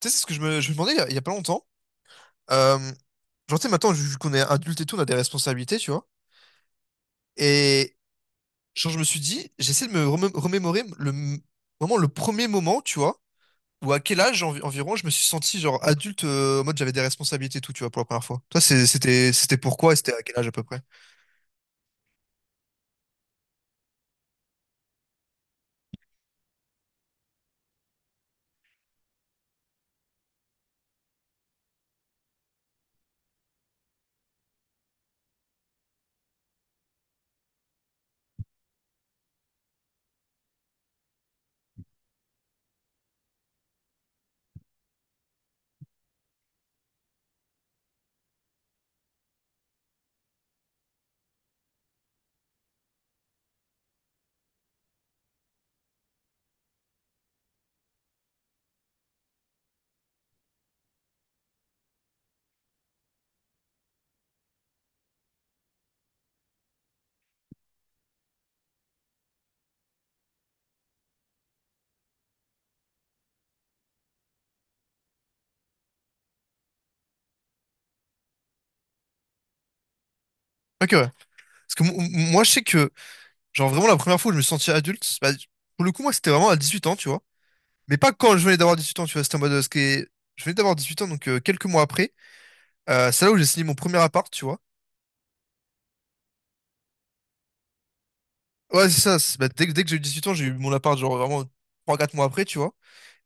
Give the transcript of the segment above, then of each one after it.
Tu sais, c'est ce que je me demandais il y a pas longtemps. Euh, genre, tu sais, maintenant, vu qu'on est adulte et tout, on a des responsabilités, tu vois. Et genre, je me suis dit, j'essaie de me remémorer vraiment le premier moment, tu vois, ou à quel âge environ je me suis senti genre adulte, en mode j'avais des responsabilités et tout, tu vois, pour la première fois. Toi, c'était pourquoi et c'était à quel âge à peu près? Ok, ouais. Parce que m- Moi, je sais que, genre, vraiment, la première fois où je me suis senti adulte, bah, pour le coup, moi, c'était vraiment à 18 ans, tu vois. Mais pas quand je venais d'avoir 18 ans, tu vois, c'était en mode, Je venais d'avoir 18 ans, donc quelques mois après. C'est là où j'ai signé mon premier appart, tu vois. Ouais, c'est ça. c'est bah, dès que j'ai eu 18 ans, j'ai eu mon appart, genre vraiment 3 4 mois après, tu vois.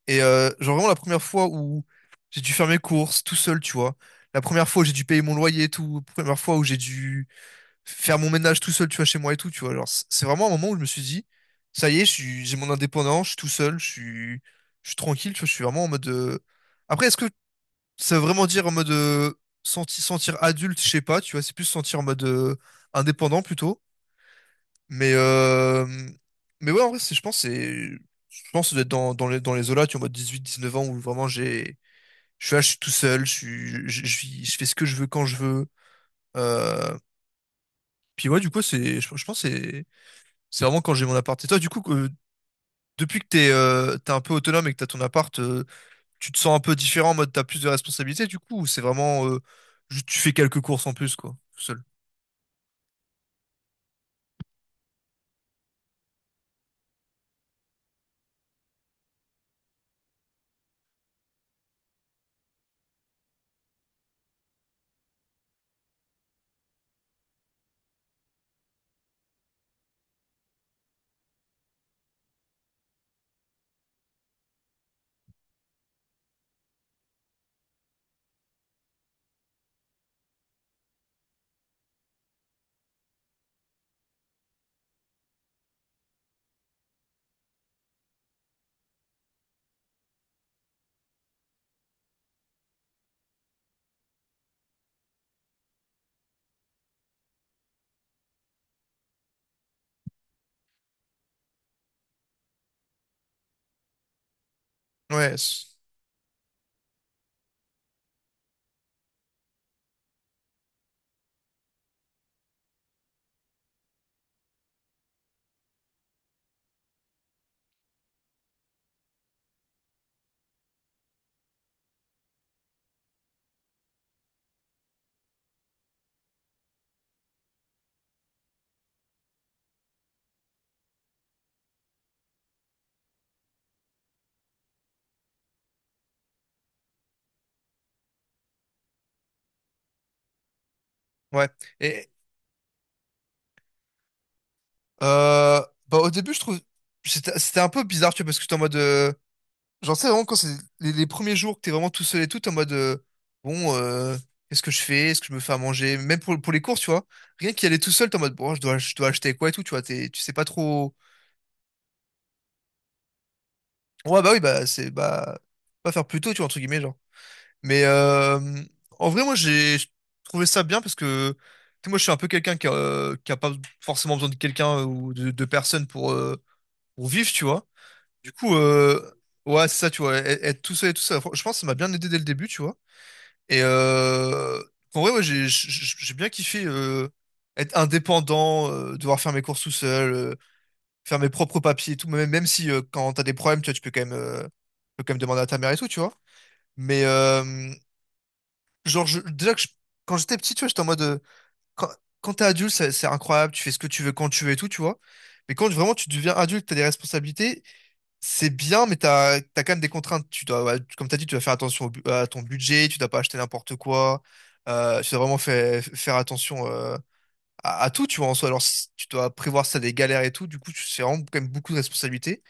Et genre vraiment la première fois où j'ai dû faire mes courses tout seul, tu vois. La première fois où j'ai dû payer mon loyer et tout. La première fois où j'ai dû faire mon ménage tout seul, tu vois, chez moi et tout, tu vois. Genre, c'est vraiment un moment où je me suis dit, ça y est, j'ai mon indépendance, je suis tout seul, je suis tranquille, tu vois. Je suis vraiment en mode. Après, est-ce que ça veut vraiment dire en mode sentir adulte, je sais pas, tu vois. C'est plus sentir en mode indépendant plutôt. Mais, euh, mais ouais, en vrai, je pense d'être dans les eaux-là, tu vois, en mode 18 19 ans, où vraiment je suis là, je suis tout seul, je fais ce que je veux quand je veux. Euh, puis ouais, du coup, je pense, que c'est vraiment quand j'ai mon appart. Et toi, du coup, depuis que t'es un peu autonome et que t'as ton appart, tu te sens un peu différent, en mode t'as plus de responsabilités, du coup, ou c'est vraiment, juste tu fais quelques courses en plus, quoi, tout seul. Ouais, ouais. Et, Euh, Au début, je trouve, c'était un peu bizarre, tu vois, parce que j'étais en mode, genre, tu sais, vraiment, quand c'est les premiers jours que t'es vraiment tout seul et tout, t'es en mode, bon, qu'est-ce que je fais? Est-ce que je me fais à manger? Même pour les courses, tu vois, rien qu'y aller tout seul, t'es en mode, bon, je dois acheter quoi et tout, tu vois, t'es, tu sais pas trop. Ouais, bah oui, bah, pas faire plus tôt, tu vois, entre guillemets, genre. Mais en vrai, moi, j'ai trouvé ça bien parce que, tu sais, moi, je suis un peu quelqu'un qui a pas forcément besoin de quelqu'un ou de personne pour vivre, tu vois. Du coup, ouais, c'est ça, tu vois, être tout seul et tout ça. Je pense que ça m'a bien aidé dès le début, tu vois. Et en vrai, ouais, j'ai bien kiffé être indépendant, devoir faire mes courses tout seul, faire mes propres papiers et tout, même si quand t'as des problèmes, tu vois, tu peux quand même demander à ta mère et tout, tu vois. Mais genre, quand j'étais petit, tu vois, j'étais en mode, quand, quand t'es adulte, c'est incroyable, tu fais ce que tu veux quand tu veux et tout, tu vois. Mais quand vraiment tu deviens adulte, t'as des responsabilités. C'est bien, mais t'as quand même des contraintes. Tu dois, ouais, comme t'as dit, tu dois faire attention à ton budget, tu dois pas acheter n'importe quoi. Tu dois vraiment faire attention à tout, tu vois, en soi. Alors, si tu dois prévoir ça des galères et tout, du coup, c'est vraiment quand même beaucoup de responsabilités.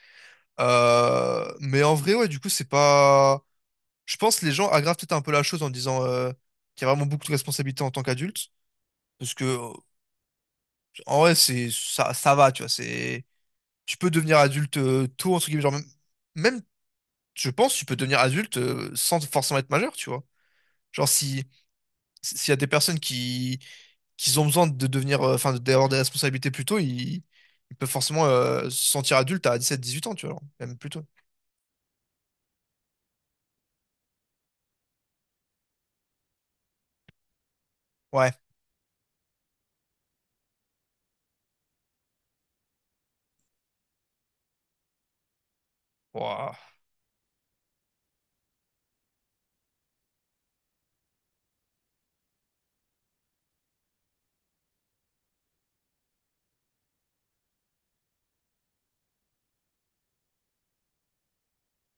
Mais en vrai, ouais, du coup, c'est pas. Je pense que les gens aggravent peut-être un peu la chose en disant qu'il y a vraiment beaucoup de responsabilités en tant qu'adulte. Parce que, en vrai, ça va, tu vois. C'est, tu peux devenir adulte tôt, entre guillemets, genre, même je pense que tu peux devenir adulte sans forcément être majeur, tu vois. Genre, si, si, s'il y a des personnes qui ont besoin de devenir, enfin, d'avoir des responsabilités plus tôt, ils peuvent forcément se sentir adulte à 17-18 ans, tu vois, genre, même plus tôt. Ouais. Ouah.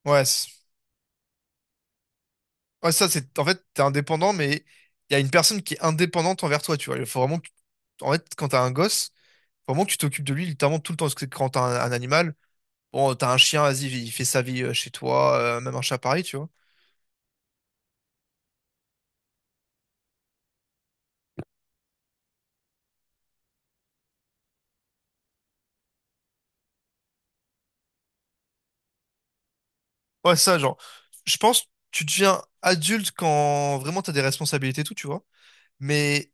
Ouais, ouais, ça, c'est, en fait, t'es indépendant, mais il y a une personne qui est indépendante envers toi, tu vois. Il faut vraiment que, en fait, quand t'as un gosse, faut vraiment que tu t'occupes de lui littéralement tout le temps. Parce que quand un animal, bon, t'as un chien, vas-y, il fait sa vie chez toi, même un chat pareil, tu vois. Ouais, ça, genre, je pense que tu deviens adulte quand vraiment t'as des responsabilités et tout, tu vois. Mais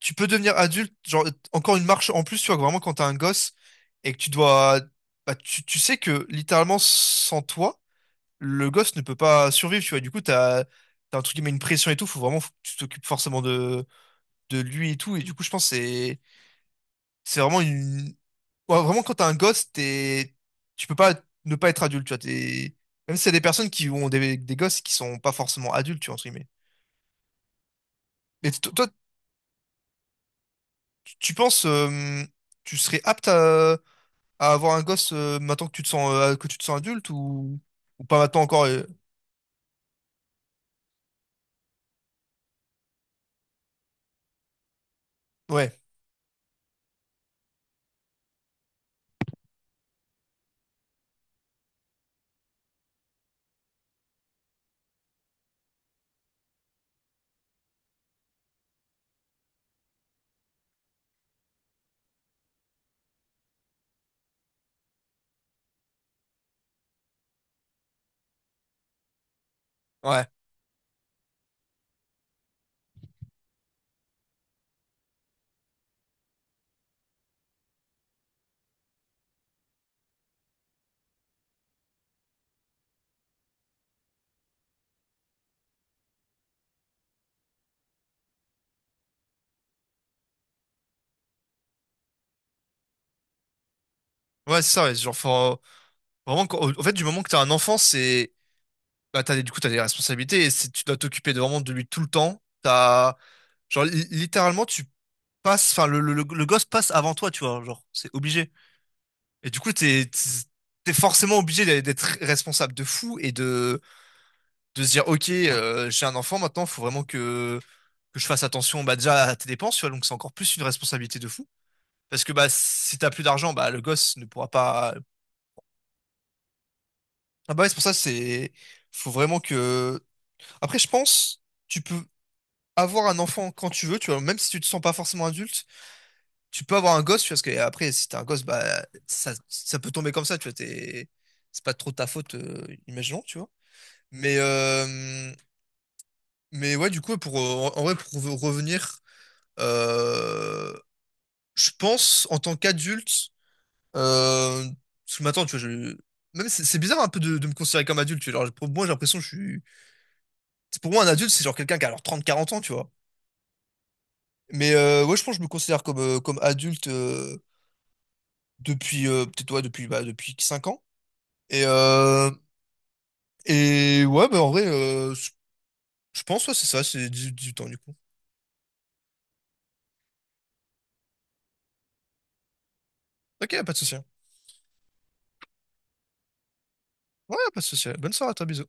tu peux devenir adulte, genre, encore une marche en plus, tu vois, vraiment quand t'as un gosse et que tu dois. Bah, tu sais que littéralement, sans toi, le gosse ne peut pas survivre, tu vois. Du coup, t'as un truc qui met une pression et tout, faut que tu t'occupes forcément de lui et tout. Et du coup, je pense que c'est vraiment une, ouais, vraiment, quand t'es un gosse, t'es... tu peux pas ne pas être adulte, tu vois. T'es... Même si c'est des personnes qui ont des gosses qui sont pas forcément adultes, tu vois, entre guillemets. Mais toi, tu penses, tu serais apte à avoir un gosse maintenant que tu te sens, que tu te sens adulte ou pas maintenant encore ouais, ouais. Ouais, c'est ça, ouais. Vraiment, en fait, du moment que t'as un enfant, c'est. Bah, t'as des responsabilités et tu dois t'occuper vraiment de lui tout le temps. T'as. Genre, littéralement, tu passe, enfin, le gosse passe avant toi, tu vois, genre, c'est obligé. Et du coup, t'es forcément obligé d'être responsable de fou et de se dire, ok, j'ai un enfant maintenant, que je fasse attention, bah, déjà à tes dépenses, tu vois, donc c'est encore plus une responsabilité de fou. Parce que, bah, si t'as plus d'argent, bah, le gosse ne pourra pas. Ah, bah, ouais, c'est pour ça, c'est, faut vraiment que. Après, je pense, tu peux avoir un enfant quand tu veux, tu vois, même si tu te sens pas forcément adulte. Tu peux avoir un gosse, tu vois, parce que après, si t'es un gosse, bah, ça peut tomber comme ça, tu vois, t'es, c'est pas trop ta faute, imaginons, tu vois. Mais, euh, mais ouais, du coup, pour, en vrai, pour revenir, euh, je pense, en tant qu'adulte, euh, parce que maintenant, tu vois, même, c'est bizarre un peu de me considérer comme adulte, tu vois. Genre, pour moi, j'ai l'impression que c'est pour moi, un adulte, c'est genre quelqu'un qui a alors 30, 40 ans, tu vois. Mais ouais, je pense que je me considère comme adulte, depuis, peut-être, ouais, depuis 5 ans. Et, euh, Et ouais, bah en vrai, je pense, ouais, c'est ça, c'est 18 ans du coup. Ok, pas de souci. Hein. Ouais, pas de souci. Bonne soirée à toi, bisous.